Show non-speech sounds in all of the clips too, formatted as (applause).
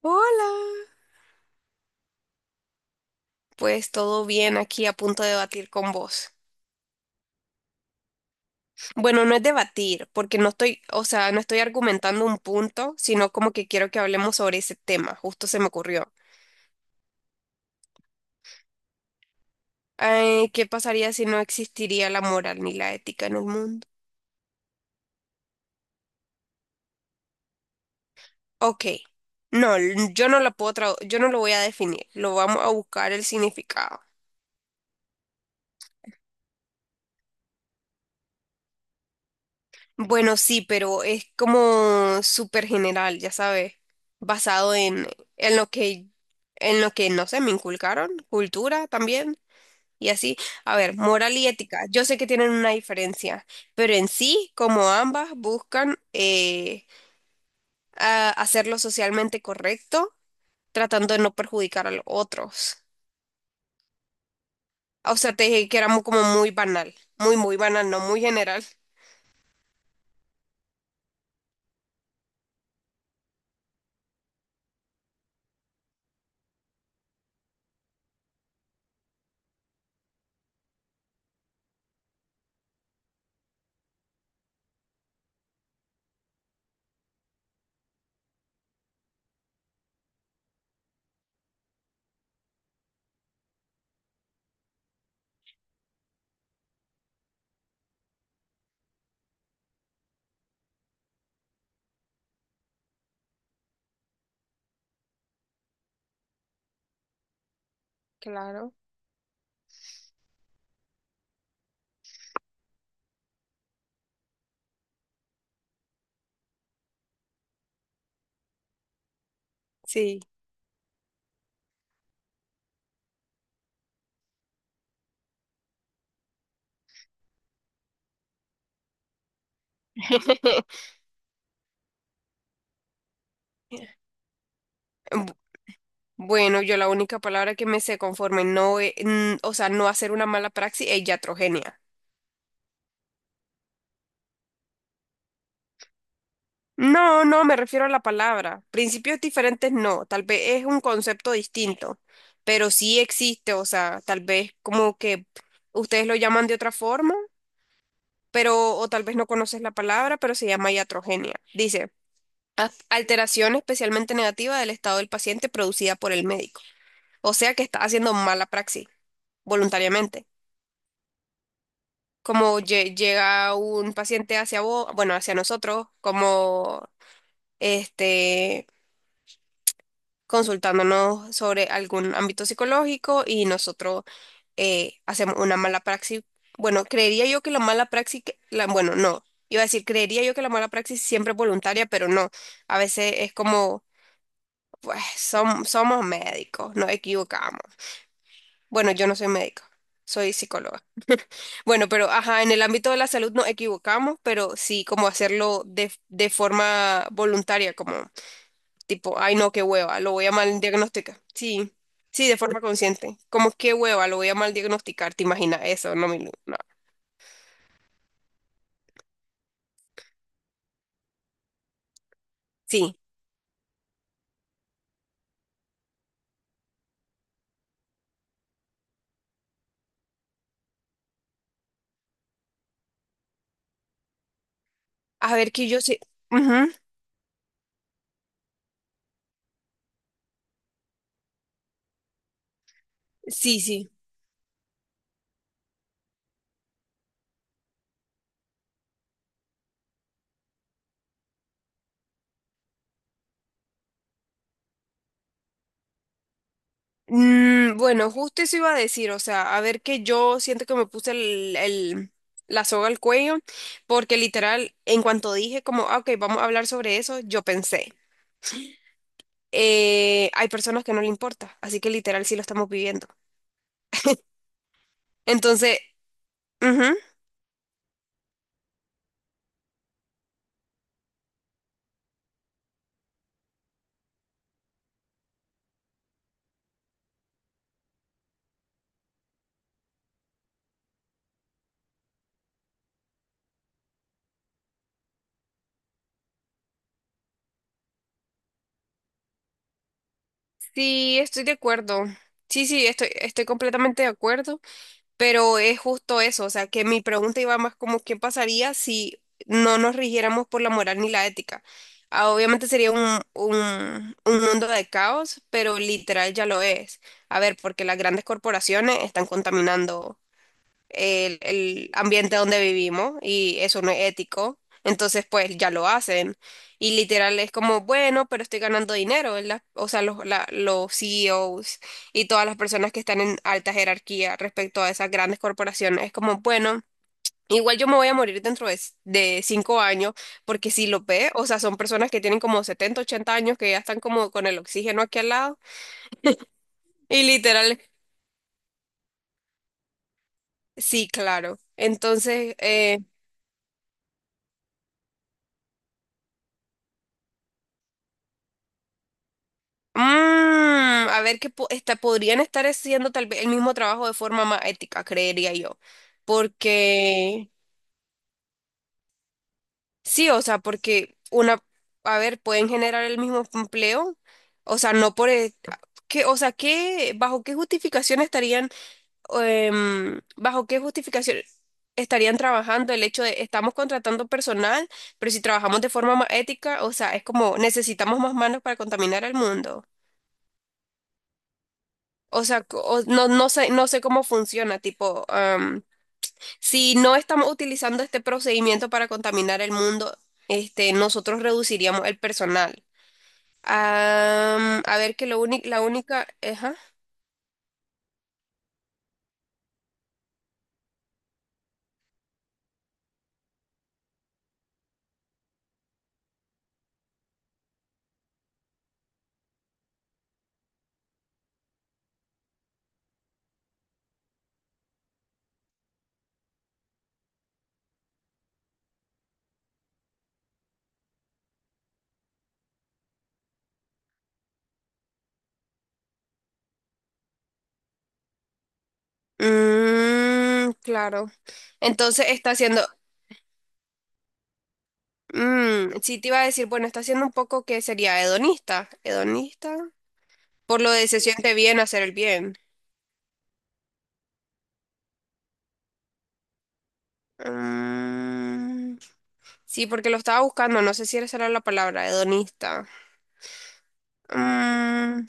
Hola, pues todo bien aquí a punto de debatir con vos. Bueno, no es debatir, porque no estoy argumentando un punto, sino como que quiero que hablemos sobre ese tema, justo se me ocurrió. Ay, ¿qué pasaría si no existiría la moral ni la ética en el mundo? Ok, no, yo no lo puedo yo no lo voy a definir, lo vamos a buscar el significado. Bueno, sí, pero es como súper general, ya sabes, basado en, en lo que, en lo que, no sé, me inculcaron, cultura también, y así. A ver, moral y ética, yo sé que tienen una diferencia, pero en sí, como ambas buscan hacerlo socialmente correcto, tratando de no perjudicar a los otros. O sea, te dije que era como muy banal, muy, muy banal, no muy general. Claro, sí. (laughs) (laughs) Bueno, yo la única palabra que me sé conforme no, o sea, no hacer una mala praxis es iatrogenia. No, no, me refiero a la palabra. Principios diferentes no, tal vez es un concepto distinto, pero sí existe, o sea, tal vez como que ustedes lo llaman de otra forma, pero o tal vez no conoces la palabra, pero se llama iatrogenia. Dice, alteración especialmente negativa del estado del paciente producida por el médico. O sea que está haciendo mala praxis voluntariamente. Como llega un paciente hacia vos, bueno, hacia nosotros, como este, consultándonos sobre algún ámbito psicológico y nosotros hacemos una mala praxis. Bueno, creería yo que la mala praxis, que- la, bueno, no, iba a decir, creería yo que la mala praxis siempre es voluntaria, pero no, a veces es como, pues, somos médicos, nos equivocamos. Bueno, yo no soy médico, soy psicóloga. Bueno, pero ajá, en el ámbito de la salud nos equivocamos, pero sí como hacerlo de forma voluntaria, como tipo, ay no, qué hueva, lo voy a mal diagnosticar. Sí, sí, de forma consciente. Como qué hueva, lo voy a mal diagnosticar, ¿te imaginas eso? No, mi Lu, no. Sí. A ver que yo sí. Ujú, sí, sí. Bueno, justo eso iba a decir, o sea, a ver que yo siento que me puse la soga al cuello, porque literal, en cuanto dije como, "Ah, ok, vamos a hablar sobre eso", yo pensé. Hay personas que no le importa, así que literal sí lo estamos viviendo. Entonces, ujú, sí, estoy de acuerdo. Sí, sí, estoy completamente de acuerdo, pero es justo eso, o sea, que mi pregunta iba más como qué pasaría si no nos rigiéramos por la moral ni la ética. Ah, obviamente sería un mundo de caos, pero literal ya lo es. A ver, porque las grandes corporaciones están contaminando el ambiente donde vivimos y eso no es ético. Entonces, pues ya lo hacen. Y literal es como, bueno, pero estoy ganando dinero, ¿verdad? O sea, los CEOs y todas las personas que están en alta jerarquía respecto a esas grandes corporaciones, es como, bueno, igual yo me voy a morir dentro de, de 5 años, porque si lo ve, o sea, son personas que tienen como 70 80 años que ya están como con el oxígeno aquí al lado. Y literal, sí, claro. Entonces, Mm, a ver podrían estar haciendo tal vez el mismo trabajo de forma más ética, creería yo. Porque, sí, o sea, porque una, a ver, pueden generar el mismo empleo, o sea, no por, e- que, o sea, bajo qué justificación estarían, bajo qué justificación estarían trabajando el hecho de estamos contratando personal, pero si trabajamos de forma más ética, o sea, es como necesitamos más manos para contaminar al mundo. O sea, no, no sé, no sé cómo funciona, tipo, si no estamos utilizando este procedimiento para contaminar el mundo, nosotros reduciríamos el personal. A ver que lo único, la única, ajá. Mm, claro. Entonces está haciendo, sí te iba a decir, bueno, está haciendo un poco que sería hedonista, hedonista, por lo de se siente bien hacer el bien. Mm, sí, porque lo estaba buscando, no sé si esa era la palabra, hedonista. Mm,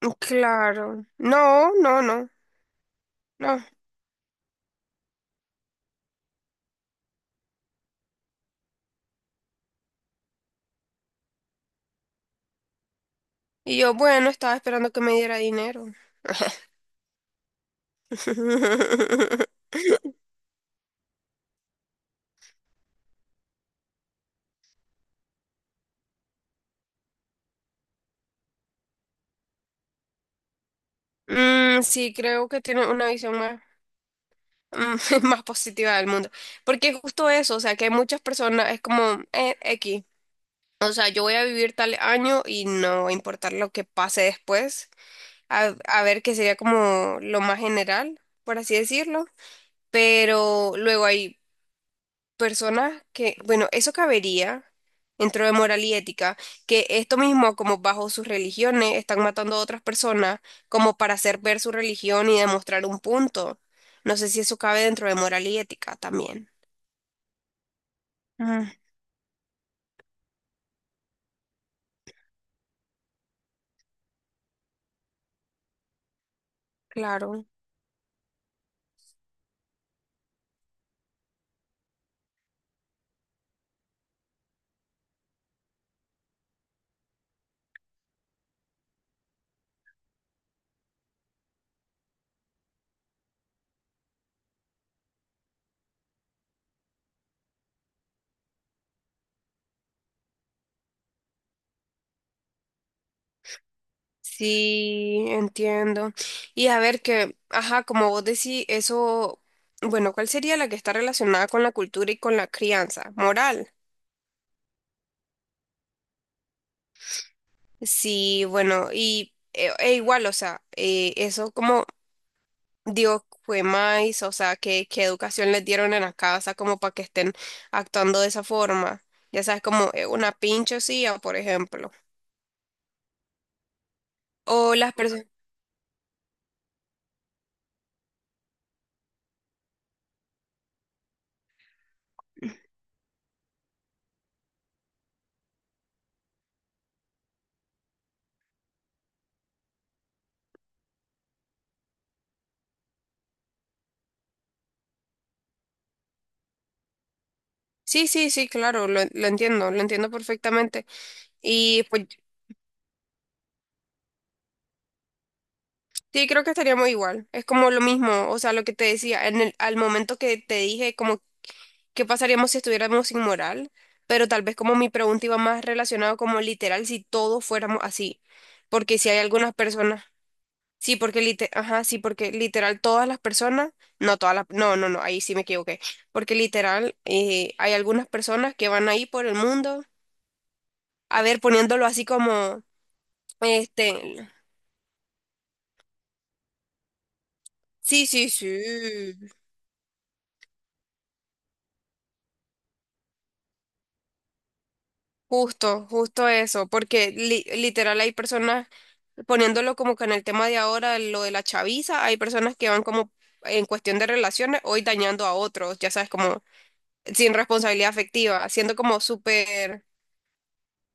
no, claro. No, no, no, no. Y yo, bueno, estaba esperando que me diera dinero. (laughs) Sí, creo que tiene una visión más, (laughs) más positiva del mundo. Porque es justo eso, o sea, que hay muchas personas, es como X. O sea, yo voy a vivir tal año y no va a importar lo que pase después. A ver, que sería como lo más general, por así decirlo. Pero luego hay personas que, bueno, eso cabería dentro de moral y ética, que esto mismo, como bajo sus religiones, están matando a otras personas como para hacer ver su religión y demostrar un punto. No sé si eso cabe dentro de moral y ética también. Mm, claro. Sí, entiendo. Y a ver que, ajá, como vos decís, eso, bueno, ¿cuál sería la que está relacionada con la cultura y con la crianza? Moral. Sí, bueno, y igual, o sea, eso como digo, fue más, o sea, ¿qué educación les dieron en la casa como para que estén actuando de esa forma? Ya sabes, como una pinchosía, por ejemplo. O las personas... Sí, sí, sí, claro, lo entiendo perfectamente. Y pues sí, creo que estaríamos igual. Es como lo mismo, o sea, lo que te decía, al momento que te dije, como, ¿qué pasaríamos si estuviéramos sin moral? Pero tal vez como mi pregunta iba más relacionada como literal, si todos fuéramos así. Porque si hay algunas personas... Sí, porque ajá, sí, porque literal todas las personas, no, no, no, ahí sí me equivoqué, porque literal hay algunas personas que van ahí por el mundo, a ver, poniéndolo así como, este, sí, sí, sí, justo, justo eso, porque literal hay personas poniéndolo como que en el tema de ahora, lo de la chaviza, hay personas que van como en cuestión de relaciones, hoy dañando a otros, ya sabes, como sin responsabilidad afectiva, siendo como súper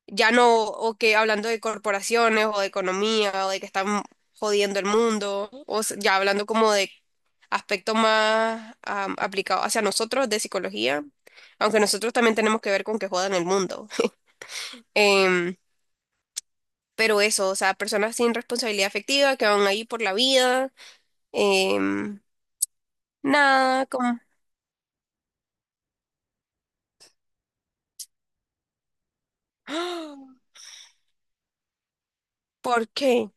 ya no, o que hablando de corporaciones o de economía o de que están jodiendo el mundo, ya hablando como de aspectos más aplicados hacia nosotros de psicología, aunque nosotros también tenemos que ver con que jodan el mundo. (laughs) Em, pero eso, o sea, personas sin responsabilidad afectiva que van ahí por la vida, em, nada, como... (gasps) ¡Ah! ¿Por qué?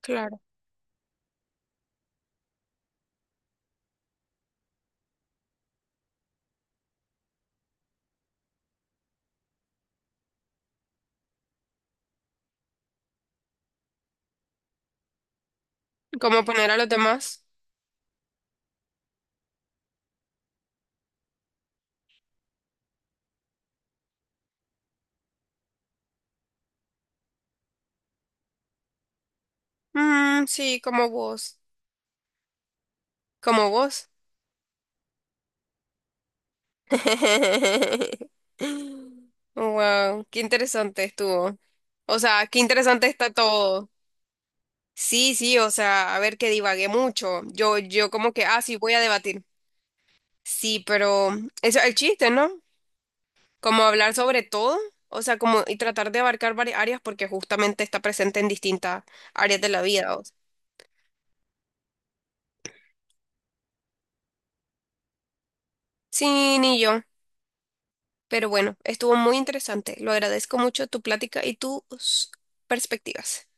Claro. ¿Cómo poner a los demás? Mm, sí, como vos, como vos. (laughs) Wow, qué interesante estuvo. O sea, qué interesante está todo. Sí, sí, o sea, a ver que divagué mucho. Yo como que, ah, sí, voy a debatir. Sí, pero eso es el chiste, ¿no? Como hablar sobre todo, o sea, como y tratar de abarcar varias áreas porque justamente está presente en distintas áreas de la vida. O sea. Sí, ni yo. Pero bueno, estuvo muy interesante. Lo agradezco mucho tu plática y tus perspectivas.